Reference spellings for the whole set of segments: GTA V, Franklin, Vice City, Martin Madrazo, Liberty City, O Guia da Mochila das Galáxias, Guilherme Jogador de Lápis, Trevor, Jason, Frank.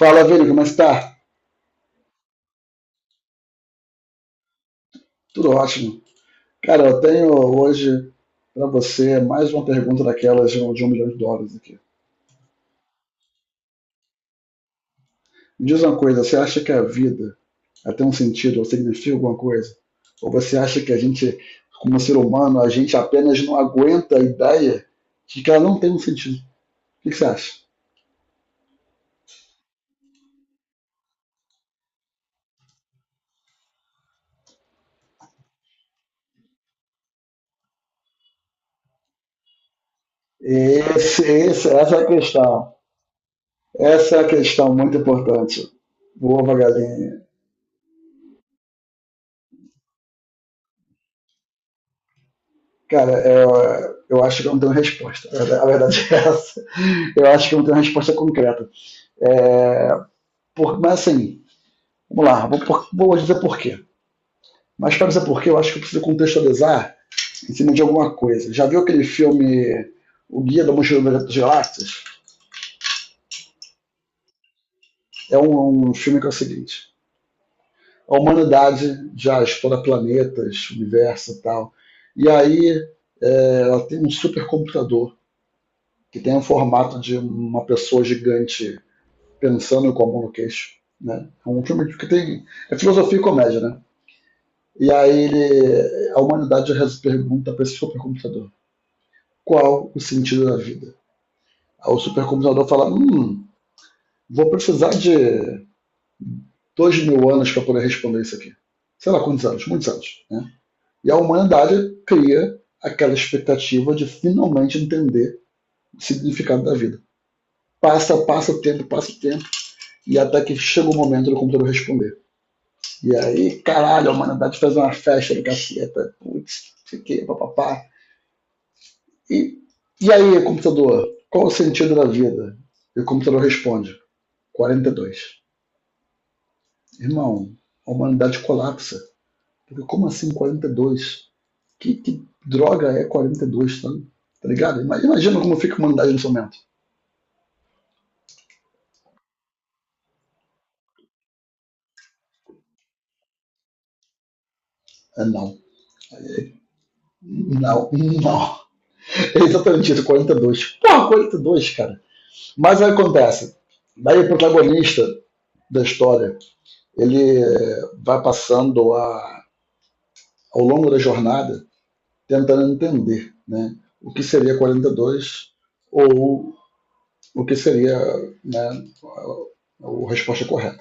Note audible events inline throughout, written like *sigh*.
Fala, Vini, como está? Tudo ótimo. Cara, eu tenho hoje para você mais uma pergunta daquelas de um milhão de dólares aqui. Me diz uma coisa, você acha que a vida ela tem um sentido ou significa alguma coisa? Ou você acha que a gente, como ser humano, a gente apenas não aguenta a ideia de que ela não tem um sentido? O que que você acha? Essa é a questão. Essa é a questão muito importante. Boa, galinha. Cara, eu acho que eu não tenho resposta. A verdade é essa. Eu acho que não tem uma resposta concreta. É, mas assim, vamos lá, vou dizer por quê. Mas para dizer por quê, eu acho que eu preciso contextualizar em cima de alguma coisa. Já viu aquele filme O Guia da Mochila das Galáxias? É um filme que é o seguinte: a humanidade já explora planetas, universo e tal. E aí ela tem um supercomputador que tem o formato de uma pessoa gigante pensando com a mão no queixo. Né? É um filme que tem. É filosofia e comédia, né? E aí a humanidade reza pergunta para esse supercomputador: qual o sentido da vida? Aí o supercomputador fala: vou precisar de 2000 anos para poder responder isso aqui. Sei lá quantos anos, muitos anos. Né? E a humanidade cria aquela expectativa de finalmente entender o significado da vida. Passa, passa o tempo, e até que chega o momento do computador responder. E aí, caralho, a humanidade faz uma festa do caceta. Putz, fiquei, papapá. E, e aí, computador, qual o sentido da vida? E o computador responde: 42. Irmão, a humanidade colapsa. Porque como assim 42? Que droga é 42, tá, tá ligado? Imagina como fica a humanidade nesse momento. Ah, não, não, não. É exatamente isso, 42. Porra, 42, cara. Mas aí acontece. Daí o protagonista da história, ele vai passando ao longo da jornada tentando entender né, o que seria 42 ou o que seria né, a resposta correta.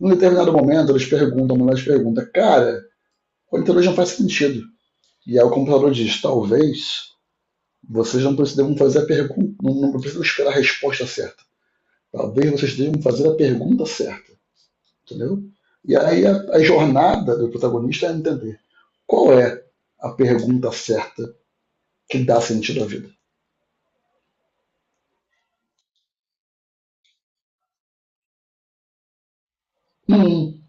Em um determinado momento, eles perguntam, a mulher pergunta, cara, 42 não faz sentido. E aí o computador diz, talvez vocês não devam fazer a pergunta, não, não precisam esperar a resposta certa. Talvez vocês devam fazer a pergunta certa, entendeu? E aí a jornada do protagonista é entender qual é a pergunta certa que dá sentido à vida. Hum,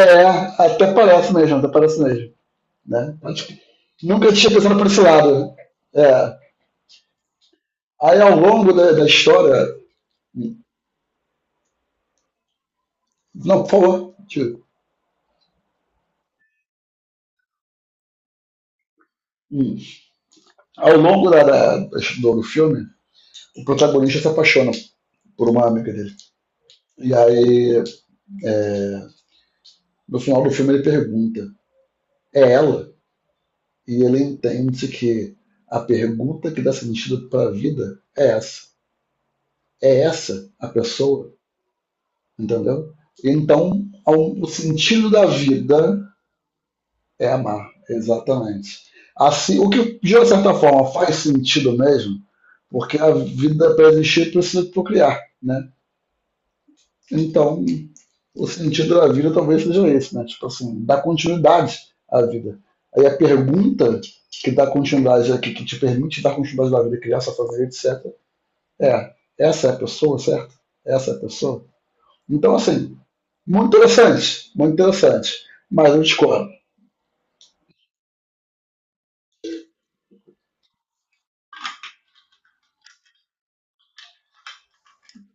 É, até parece mesmo, até parece mesmo. Né? Mas, tipo, nunca tinha pensado por esse lado. É. Aí ao longo da história. Não, por favor. Tio. Hum. Ao longo do filme, o protagonista se apaixona por uma amiga dele. E aí, é, no final do filme, ele pergunta: é ela? E ele entende que a pergunta que dá sentido para a vida é essa a pessoa, entendeu? Então, o sentido da vida é amar, exatamente. Assim, o que de certa forma faz sentido mesmo, porque a vida para existir precisa procriar, né? Então, o sentido da vida talvez seja esse, né? Tipo assim, dar continuidade à vida. Aí a pergunta que dá continuidade aqui, que te permite dar continuidade à vida, criar sua família, etc. É, essa é a pessoa, certo? Essa é a pessoa. Então, assim, muito interessante, muito interessante, mas eu discordo.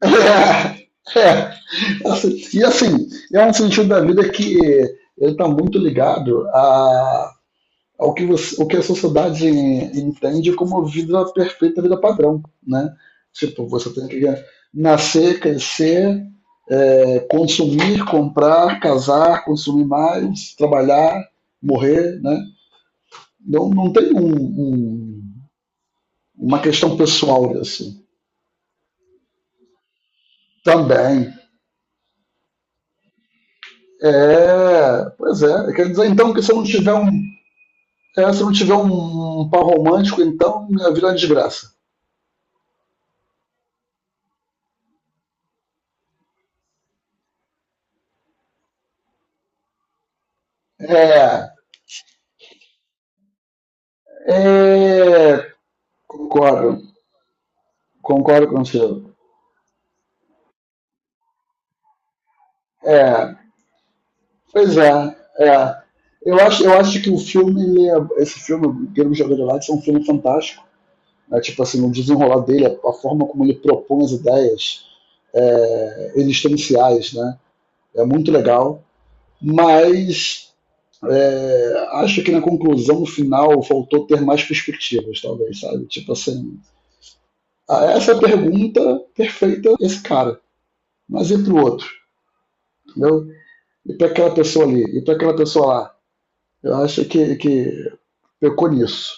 *laughs* É, assim, e assim, é um sentido da vida que ele está muito ligado a, ao que, você, ao que a sociedade entende como vida perfeita, vida padrão, né? Tipo, você tem que nascer, crescer, consumir, comprar, casar, consumir mais, trabalhar, morrer, né? Não, não tem um, uma questão pessoal disso. Também, é, pois é. Quer dizer, então, que se eu não tiver um par romântico, então minha vida é uma desgraça. É, é, concordo, concordo contigo. É, pois é, é. Eu acho que o filme, esse filme, Guilherme Jogador de Lápis, é um filme fantástico. Né? Tipo assim, o desenrolar dele, a forma como ele propõe as ideias existenciais, né? É muito legal. Mas acho que na conclusão final faltou ter mais perspectivas, talvez, sabe? Tipo assim, ah, essa pergunta perfeita esse cara, mas e pro outro, entendeu? E para aquela pessoa ali, e para aquela pessoa lá. Eu acho que pecou nisso,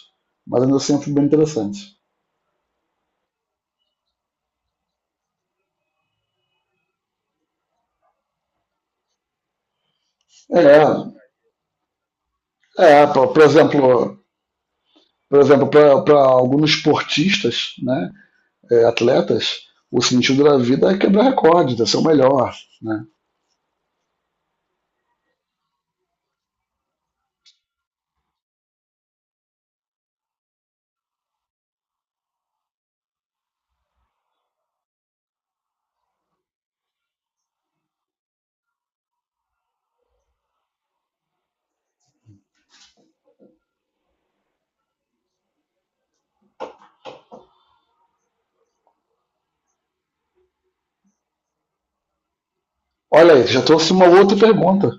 mas ainda assim foi bem interessante. É, é, por exemplo, para alguns esportistas, né, atletas, o sentido da vida é quebrar recordes, é ser o melhor, né? Olha aí, tu já trouxe uma outra pergunta.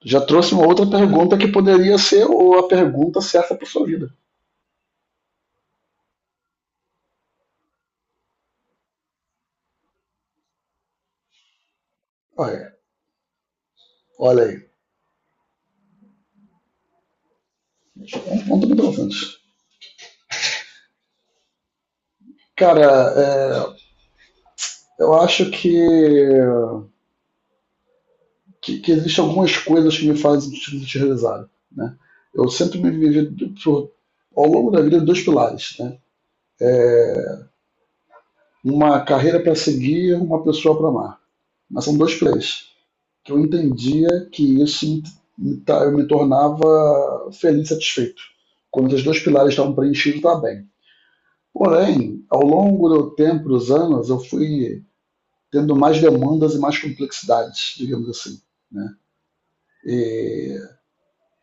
Tu já trouxe uma outra pergunta que poderia ser a pergunta certa para sua vida. Olha, olha aí. Vamos para frente. Cara, é, eu acho que existem algumas coisas que me fazem te realizar, né? Eu sempre me vivi ao longo da vida dois pilares, né? Uma carreira para seguir, uma pessoa para amar. Mas são dois pilares, que eu entendia que isso eu me tornava feliz, satisfeito. Quando esses dois pilares estavam preenchidos, estava bem. Porém, ao longo do tempo, dos anos, eu fui tendo mais demandas e mais complexidades, digamos assim. Né? E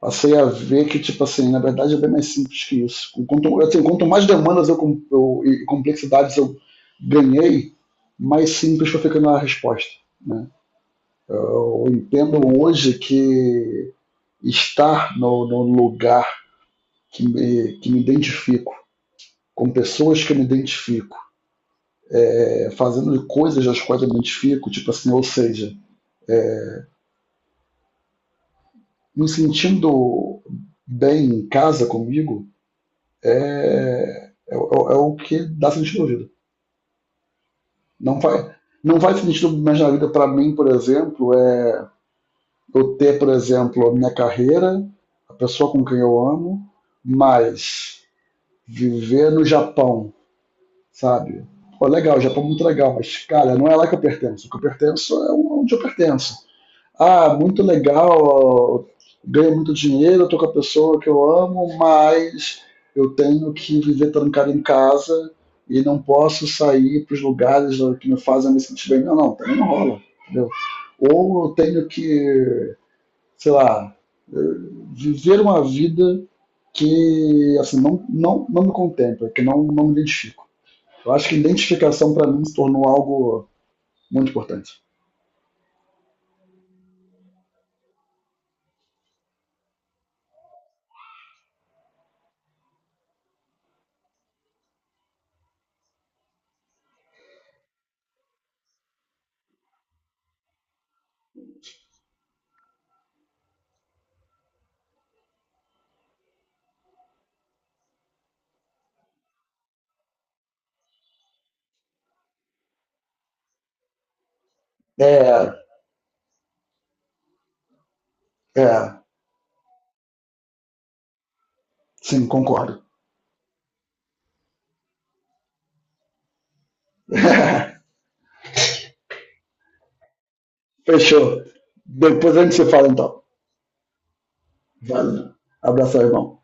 passei a ver que, tipo assim, na verdade é bem mais simples que isso. Quanto mais demandas e complexidades eu ganhei, mais simples foi ficando a resposta. Né? Eu entendo hoje que estar no lugar que me identifico, com pessoas que eu me identifico, fazendo coisas das quais eu me identifico, tipo assim, ou seja, me sentindo bem em casa comigo é o que dá sentido à vida. Não vai, não vai sentido mais na vida para mim, por exemplo, eu ter, por exemplo, a minha carreira, a pessoa com quem eu amo, mas viver no Japão, sabe? Pô, legal, Japão é muito legal, mas, cara, não é lá que eu pertenço. O que eu pertenço é onde eu pertenço. Ah, muito legal, ganho muito dinheiro, estou com a pessoa que eu amo, mas eu tenho que viver trancado em casa e não posso sair para os lugares que me fazem me sentir bem. Não, não, também não rola, entendeu? Ou eu tenho que, sei lá, viver uma vida que assim, não, não, não me contempla, que não, não me identifico. Eu acho que identificação para mim se tornou algo muito importante. É, é, sim, concordo. *laughs* Fechou. Depois a gente se fala então. Valeu. Abraço, irmão.